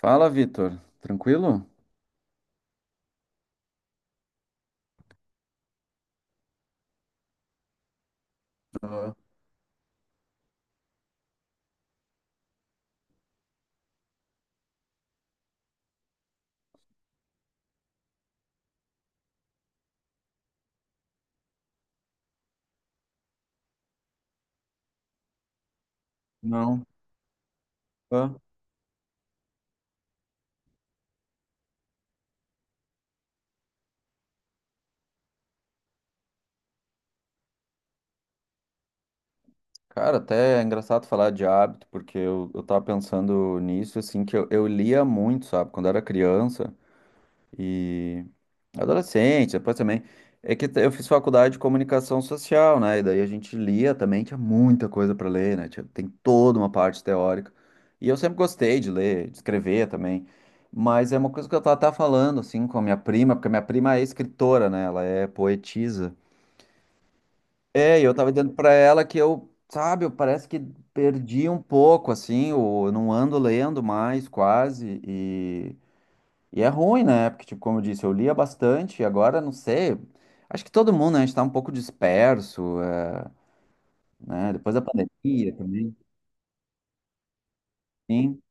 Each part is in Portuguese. Fala, Vitor. Tranquilo? Ah, Não. Ah, Cara, até é engraçado falar de hábito, porque eu tava pensando nisso, assim, que eu lia muito, sabe, quando era criança e adolescente, depois também. É que eu fiz faculdade de comunicação social, né? E daí a gente lia também, tinha muita coisa pra ler, né? Tem toda uma parte teórica. E eu sempre gostei de ler, de escrever também. Mas é uma coisa que eu tava até falando, assim, com a minha prima, porque a minha prima é escritora, né? Ela é poetisa. É, e eu tava dizendo pra ela que eu, sabe, eu parece que perdi um pouco, assim, eu não ando lendo mais, quase, e é ruim, né? Porque, tipo, como eu disse, eu lia bastante, e agora, não sei, acho que todo mundo, né, a gente tá um pouco disperso, é, né? Depois da pandemia também. Sim,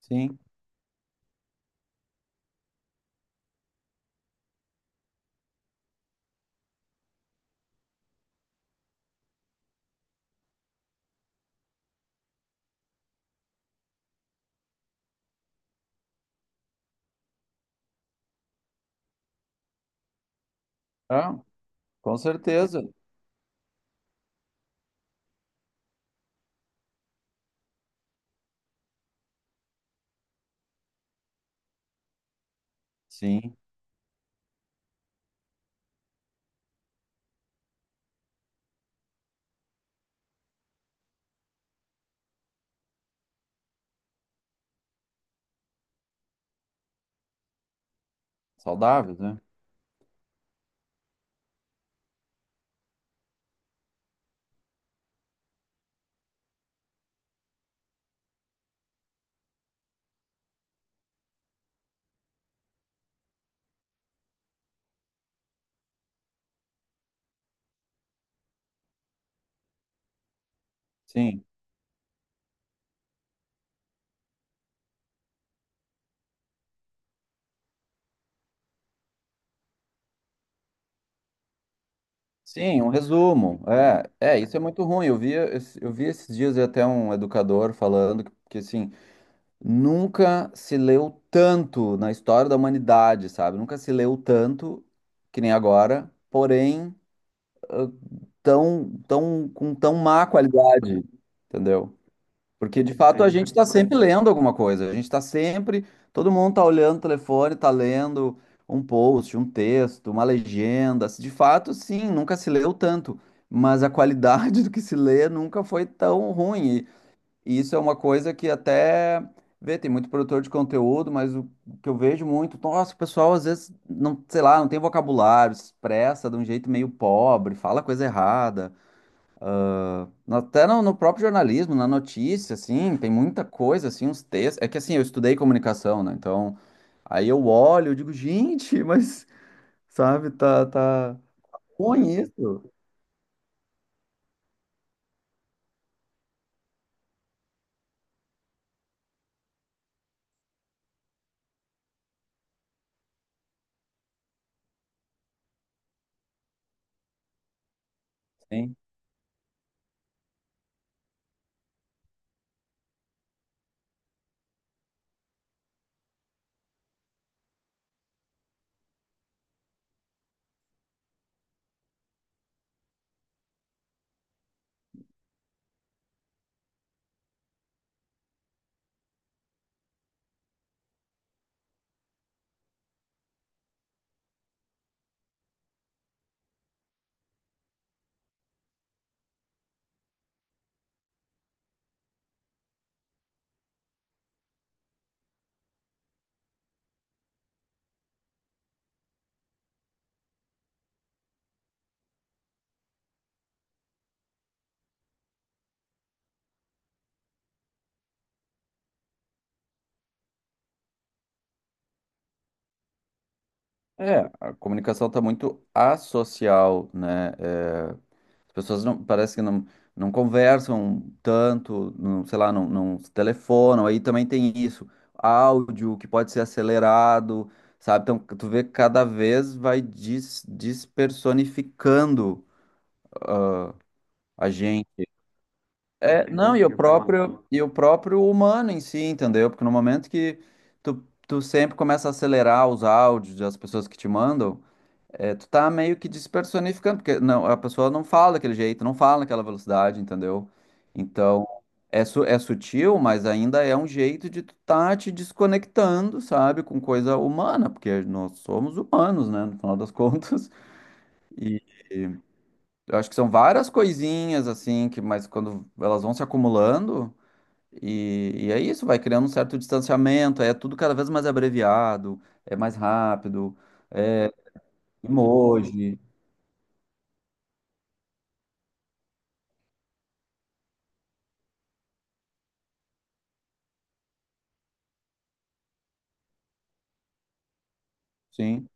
sim, ah, com certeza, sim, saudáveis, né? Sim, sim, um resumo, é, é, isso é muito ruim, eu vi esses dias até um educador falando que assim, nunca se leu tanto na história da humanidade, sabe? Nunca se leu tanto que nem agora, porém ah, tão, com tão má qualidade, entendeu? Porque de fato a gente está sempre lendo alguma coisa, a gente está sempre, todo mundo está olhando o telefone, está lendo um post, um texto, uma legenda. De fato, sim, nunca se leu tanto, mas a qualidade do que se lê nunca foi tão ruim. E isso é uma coisa que até vê, tem muito produtor de conteúdo, mas o que eu vejo muito, nossa, o pessoal às vezes não, sei lá, não tem vocabulário, se expressa de um jeito meio pobre, fala coisa errada. Até no próprio jornalismo, na notícia, assim, tem muita coisa, assim, uns textos. É que assim, eu estudei comunicação, né? Então, aí eu olho, eu digo, gente, mas, sabe, tá ruim isso. Sim. É, a comunicação tá muito asocial, né? É, as pessoas não, parece que não, não conversam tanto, não, sei lá, não, não se telefonam. Aí também tem isso, áudio que pode ser acelerado, sabe? Então, tu vê que cada vez vai despersonificando a gente. É, não, e o próprio humano em si, entendeu? Porque no momento que tu sempre começa a acelerar os áudios das pessoas que te mandam, é, tu tá meio que despersonificando, porque não, a pessoa não fala daquele jeito, não fala naquela velocidade, entendeu? Então, é, é sutil, mas ainda é um jeito de tu tá te desconectando, sabe, com coisa humana, porque nós somos humanos, né, no final das contas. E, eu acho que são várias coisinhas, assim, que, mas quando elas vão se acumulando, e é isso, vai criando um certo distanciamento, é tudo cada vez mais abreviado, é mais rápido, é emoji. Sim.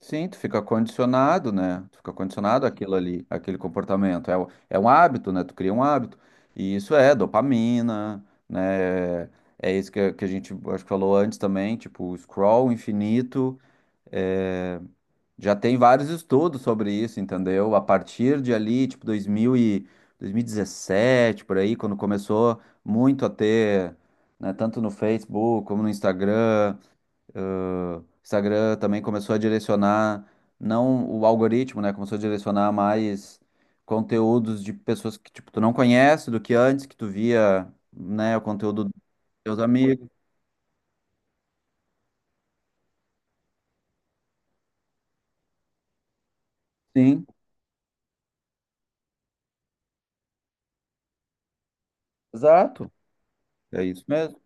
Sim, tu fica condicionado, né? Tu fica condicionado àquilo ali, àquele comportamento. É, é um hábito, né? Tu cria um hábito. E isso é dopamina, né? É isso que, que a gente acho que falou antes também, tipo, o scroll infinito. É, já tem vários estudos sobre isso, entendeu? A partir de ali, tipo, 2000 e 2017, por aí, quando começou muito a ter, né, tanto no Facebook como no Instagram. Ah, o Instagram também começou a direcionar, não o algoritmo, né? Começou a direcionar mais conteúdos de pessoas que, tipo, tu não conhece do que antes, que tu via, né, o conteúdo dos teus amigos. Sim, exato. É isso mesmo.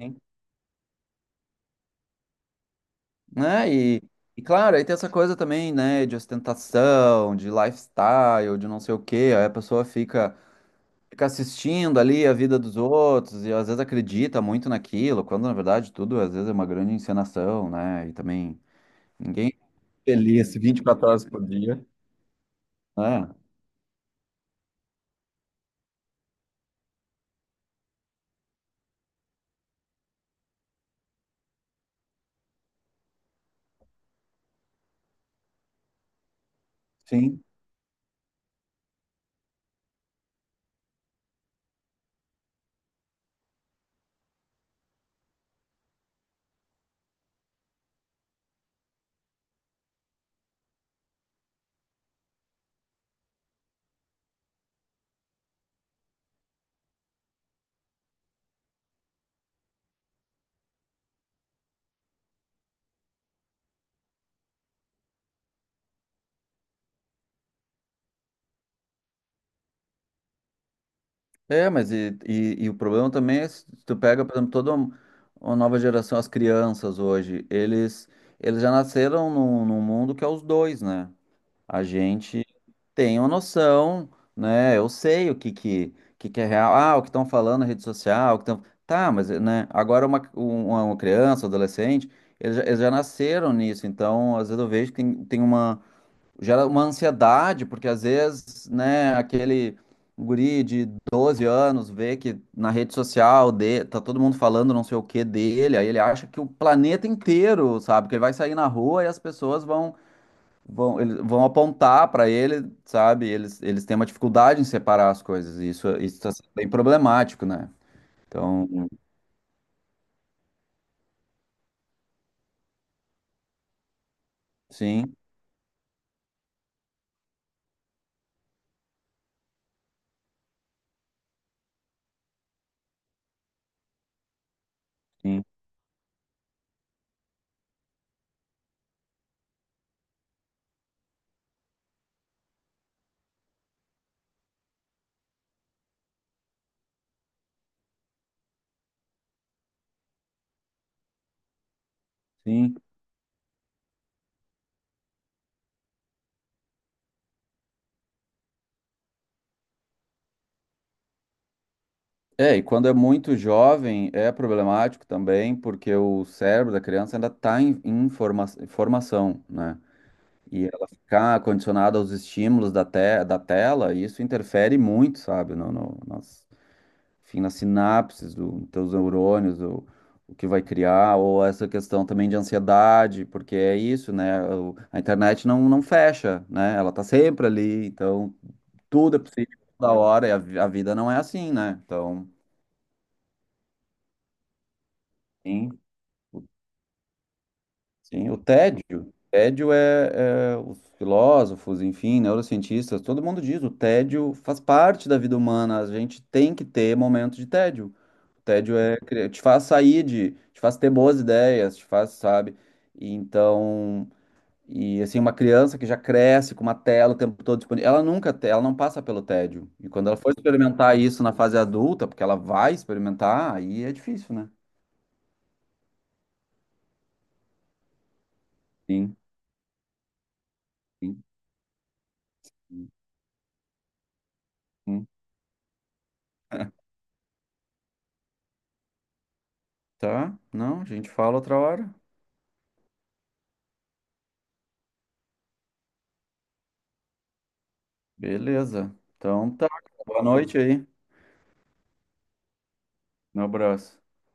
Sim. Né? E claro, aí tem essa coisa também, né, de ostentação, de lifestyle, de não sei o quê. Aí a pessoa fica, fica assistindo ali a vida dos outros e às vezes acredita muito naquilo, quando na verdade tudo às vezes é uma grande encenação, né? E também ninguém é feliz 24 horas por dia, né? Sim. É, mas e o problema também é se tu pega, por exemplo, uma nova geração, as crianças hoje, eles já nasceram num, num mundo que é os dois, né? A gente tem uma noção, né? Eu sei o que que é real. Ah, o que estão falando na rede social, o que tão... Tá, mas né? Agora uma criança, um adolescente, eles já nasceram nisso. Então, às vezes eu vejo que tem, tem uma... Gera uma ansiedade, porque às vezes, né? Aquele guri de 12 anos vê que na rede social de, tá todo mundo falando não sei o que dele. Aí ele acha que o planeta inteiro, sabe? Que ele vai sair na rua e as pessoas vão, eles vão apontar para ele, sabe? Eles têm uma dificuldade em separar as coisas, e isso está sendo bem problemático, né? Então, sim, sim, sim. É, e quando é muito jovem é problemático também, porque o cérebro da criança ainda está em, formação, né? E ela ficar condicionada aos estímulos da, te, da tela, isso interfere muito, sabe, no, no, enfim, nas sinapses dos teus neurônios, o que vai criar, ou essa questão também de ansiedade, porque é isso, né? A internet não, não fecha, né? Ela tá sempre ali, então tudo é possível toda hora, e a, a vida não é assim, né? Então, sim, sim, o tédio. Tédio é, é os filósofos, enfim, neurocientistas, todo mundo diz, o tédio faz parte da vida humana, a gente tem que ter momentos de tédio. Tédio é, te faz sair de, te faz ter boas ideias, te faz, sabe? E então, e assim, uma criança que já cresce com uma tela o tempo todo disponível, ela nunca, ela não passa pelo tédio. E quando ela for experimentar isso na fase adulta, porque ela vai experimentar, aí é difícil, né? Sim, sim, sim. Sim. Tá? Não, a gente fala outra hora. Beleza. Então tá. Boa noite aí. Um abraço.